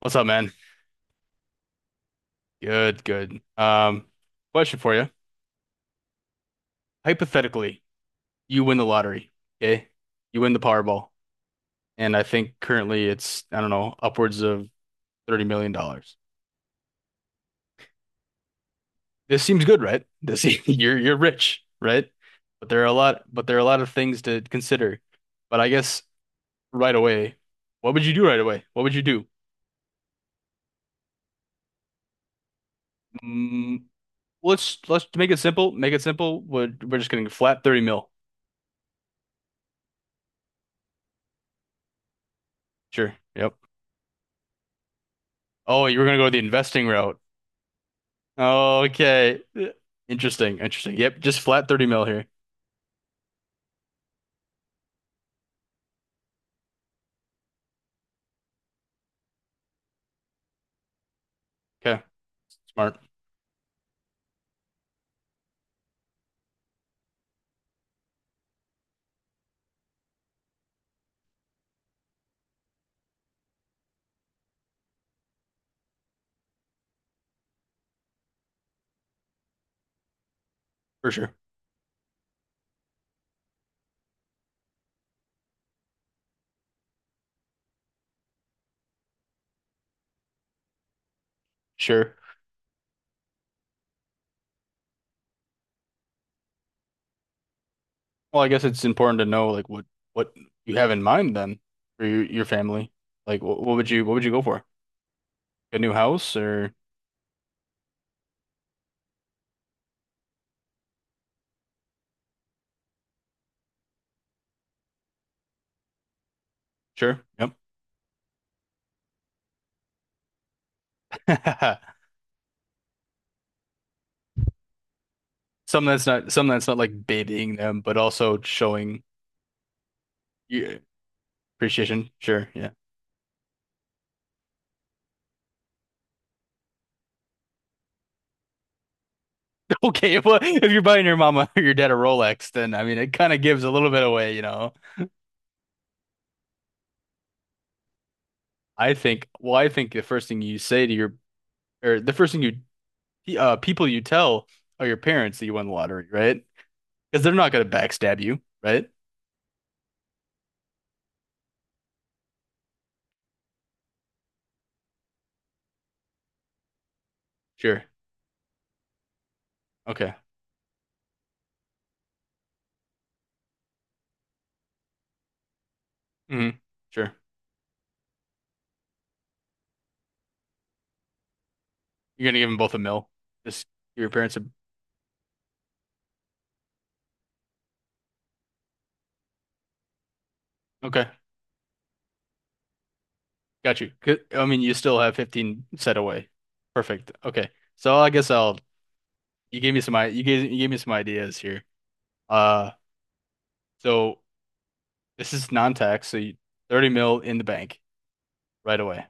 What's up, man? Good, good. Question for you. Hypothetically, you win the lottery, okay? You win the Powerball, and I think currently it's, I don't know, upwards of $30 million dollars. This seems good, right? This you're rich, right? But there are a lot but there are a lot of things to consider. But I guess right away, what would you do right away? What would you do? Mm, let's make it simple. Make it simple. We're just getting flat 30 mil. Sure. Yep. Oh, you were gonna go the investing route. Okay. Interesting. Interesting. Yep. Just flat 30 mil here. Okay. Smart. For sure. Sure. Well, I guess it's important to know like what you have in mind then for your family. Like what would you what would you go for? A new house or sure. Yep. Something that's not like babying them, but also showing you appreciation. Sure. Yeah. Okay. If well, if you're buying your mama or your dad a Rolex, then I mean it kind of gives a little bit away, you know. I think, well, I think the first thing you say to your or the first thing you people you tell are your parents that you won the lottery, right? Because they're not gonna backstab you, right? Sure. Okay. Hmm. Sure. You're gonna give them both a mill. Just give your parents a okay. Got you. Good. I mean, you still have 15 set away. Perfect. Okay. So I guess I'll you gave me some I you gave me some ideas here. Uh, so this is non-tax, so you, 30 mil in the bank right away.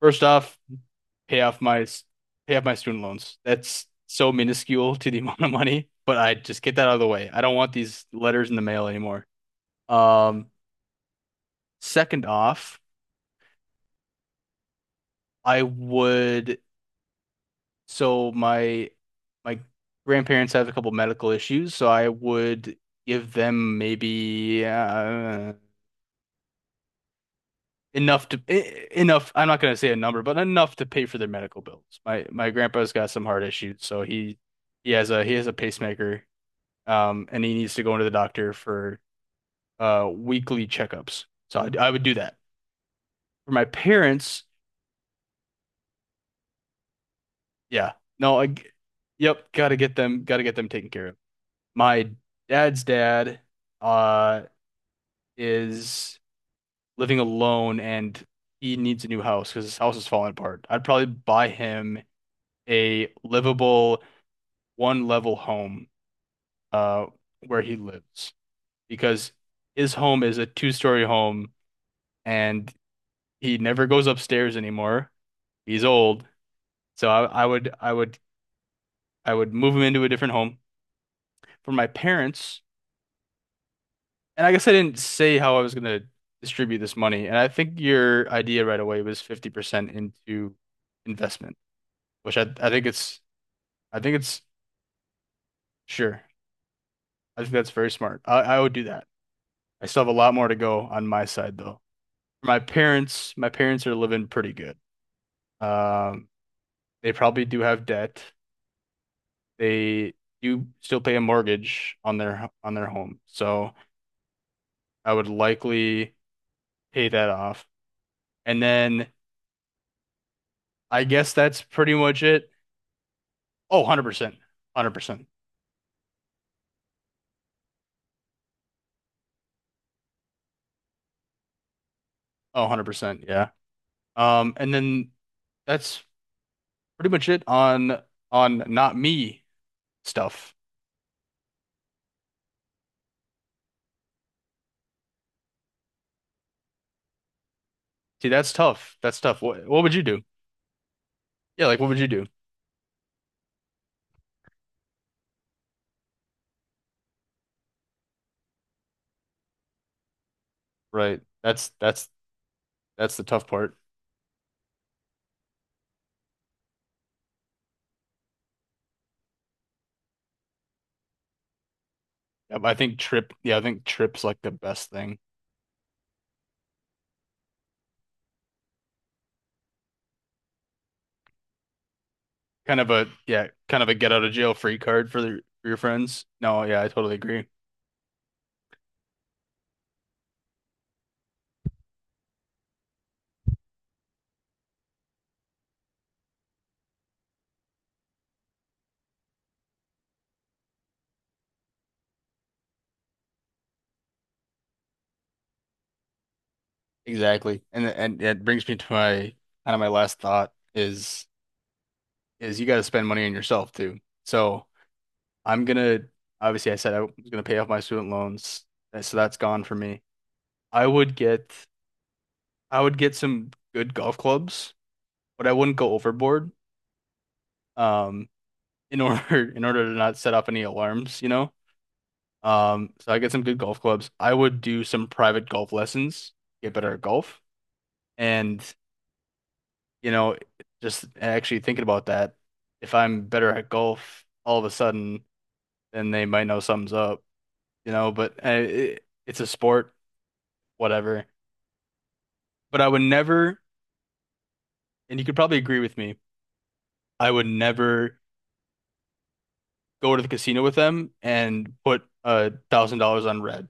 First off, pay off my pay off my student loans. That's so minuscule to the amount of money, but I just get that out of the way. I don't want these letters in the mail anymore. Um, second off, I would so my grandparents have a couple medical issues, so I would give them maybe enough to enough. I'm not gonna say a number, but enough to pay for their medical bills. My grandpa's got some heart issues, so he he has a pacemaker and he needs to go into the doctor for weekly checkups. So I would do that for my parents. Yeah, no, I yep, gotta get them taken care of. My dad's dad uh, is living alone, and he needs a new house because his house is falling apart. I'd probably buy him a livable one-level home uh, where he lives because his home is a two-story home and he never goes upstairs anymore. He's old. So I would I would I would move him into a different home for my parents. And I guess I didn't say how I was gonna distribute this money. And I think your idea right away was 50% into investment, which I think it's sure. I think that's very smart. I would do that. I still have a lot more to go on my side though. My parents are living pretty good. Um, they probably do have debt. They do still pay a mortgage on their home. So I would likely pay that off. And then I guess that's pretty much it. Oh, 100%. 100%. Oh, 100%. Yeah. And then that's pretty much it on not me stuff. See, that's tough. That's tough. What would you do? Yeah, like what would you do? Right. That's that's the tough part. Yeah, but I think trip, yeah, I think trip's like the best thing. Kind of a yeah, kind of a get out of jail free card for, the, for your friends. No, yeah, I totally agree. Exactly. And it brings me to my kind of my last thought is you got to spend money on yourself too. So I'm gonna obviously I said I was gonna pay off my student loans, and so that's gone for me. I would get I would get some good golf clubs, but I wouldn't go overboard. Um, in order in order to not set off any alarms, you know. So I get some good golf clubs. I would do some private golf lessons, get better at golf. And, you know, just actually thinking about that, if I'm better at golf all of a sudden, then they might know something's up, you know, but it's a sport, whatever. But I would never, and you could probably agree with me, I would never go to the casino with them and put $1,000 on red,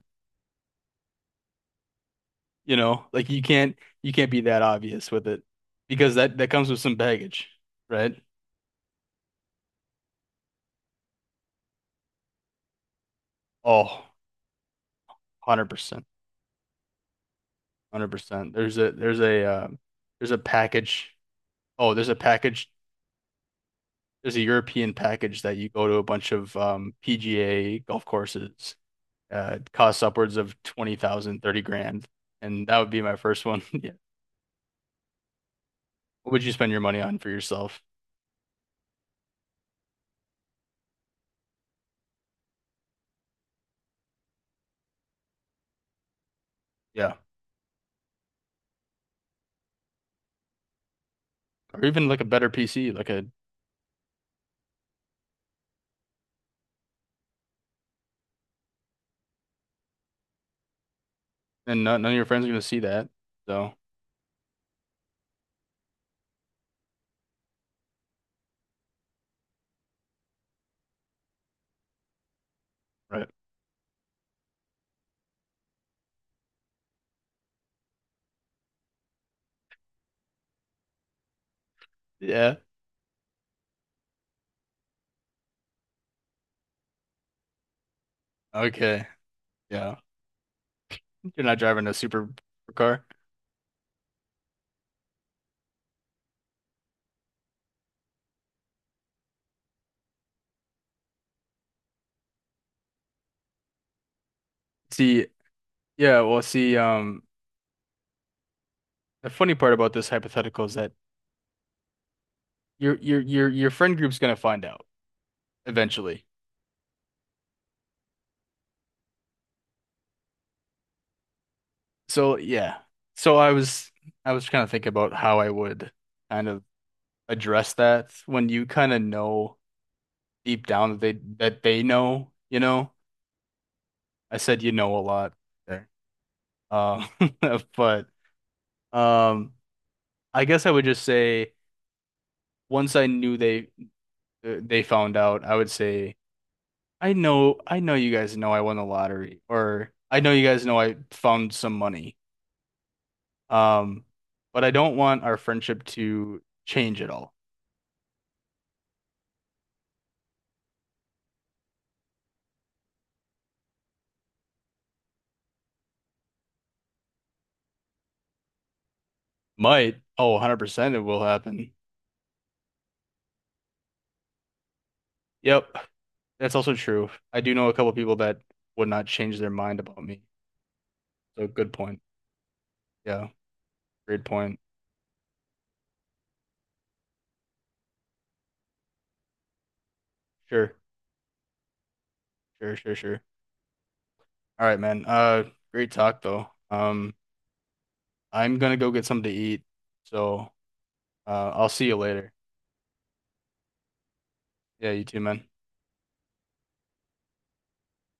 you know, like you can't be that obvious with it because that comes with some baggage, right? Oh, 100%. 100%. There's a package. Oh, there's a package. There's a European package that you go to a bunch of PGA golf courses. It costs upwards of 20,000, 30 grand. And that would be my first one. Yeah. What would you spend your money on for yourself? Yeah. Or even like a better PC, like a and none of your friends are going to see that. So, right. Yeah. Okay. Yeah. You're not driving a super car. See, yeah, well, see, the funny part about this hypothetical is that your friend group's gonna find out eventually. So yeah. So I was kind of thinking about how I would kind of address that when you kind of know deep down that they know, you know. I said you know a lot there. Um but um I guess I would just say once I knew they found out, I would say I know you guys know I won the lottery or I know you guys know I found some money. Um, but I don't want our friendship to change at all. Might. Oh, 100% it will happen. Yep. That's also true. I do know a couple people that would not change their mind about me. So good point. Yeah. Great point. Sure. Sure. All right, man. Great talk though. I'm gonna go get something to eat. So, I'll see you later. Yeah, you too, man.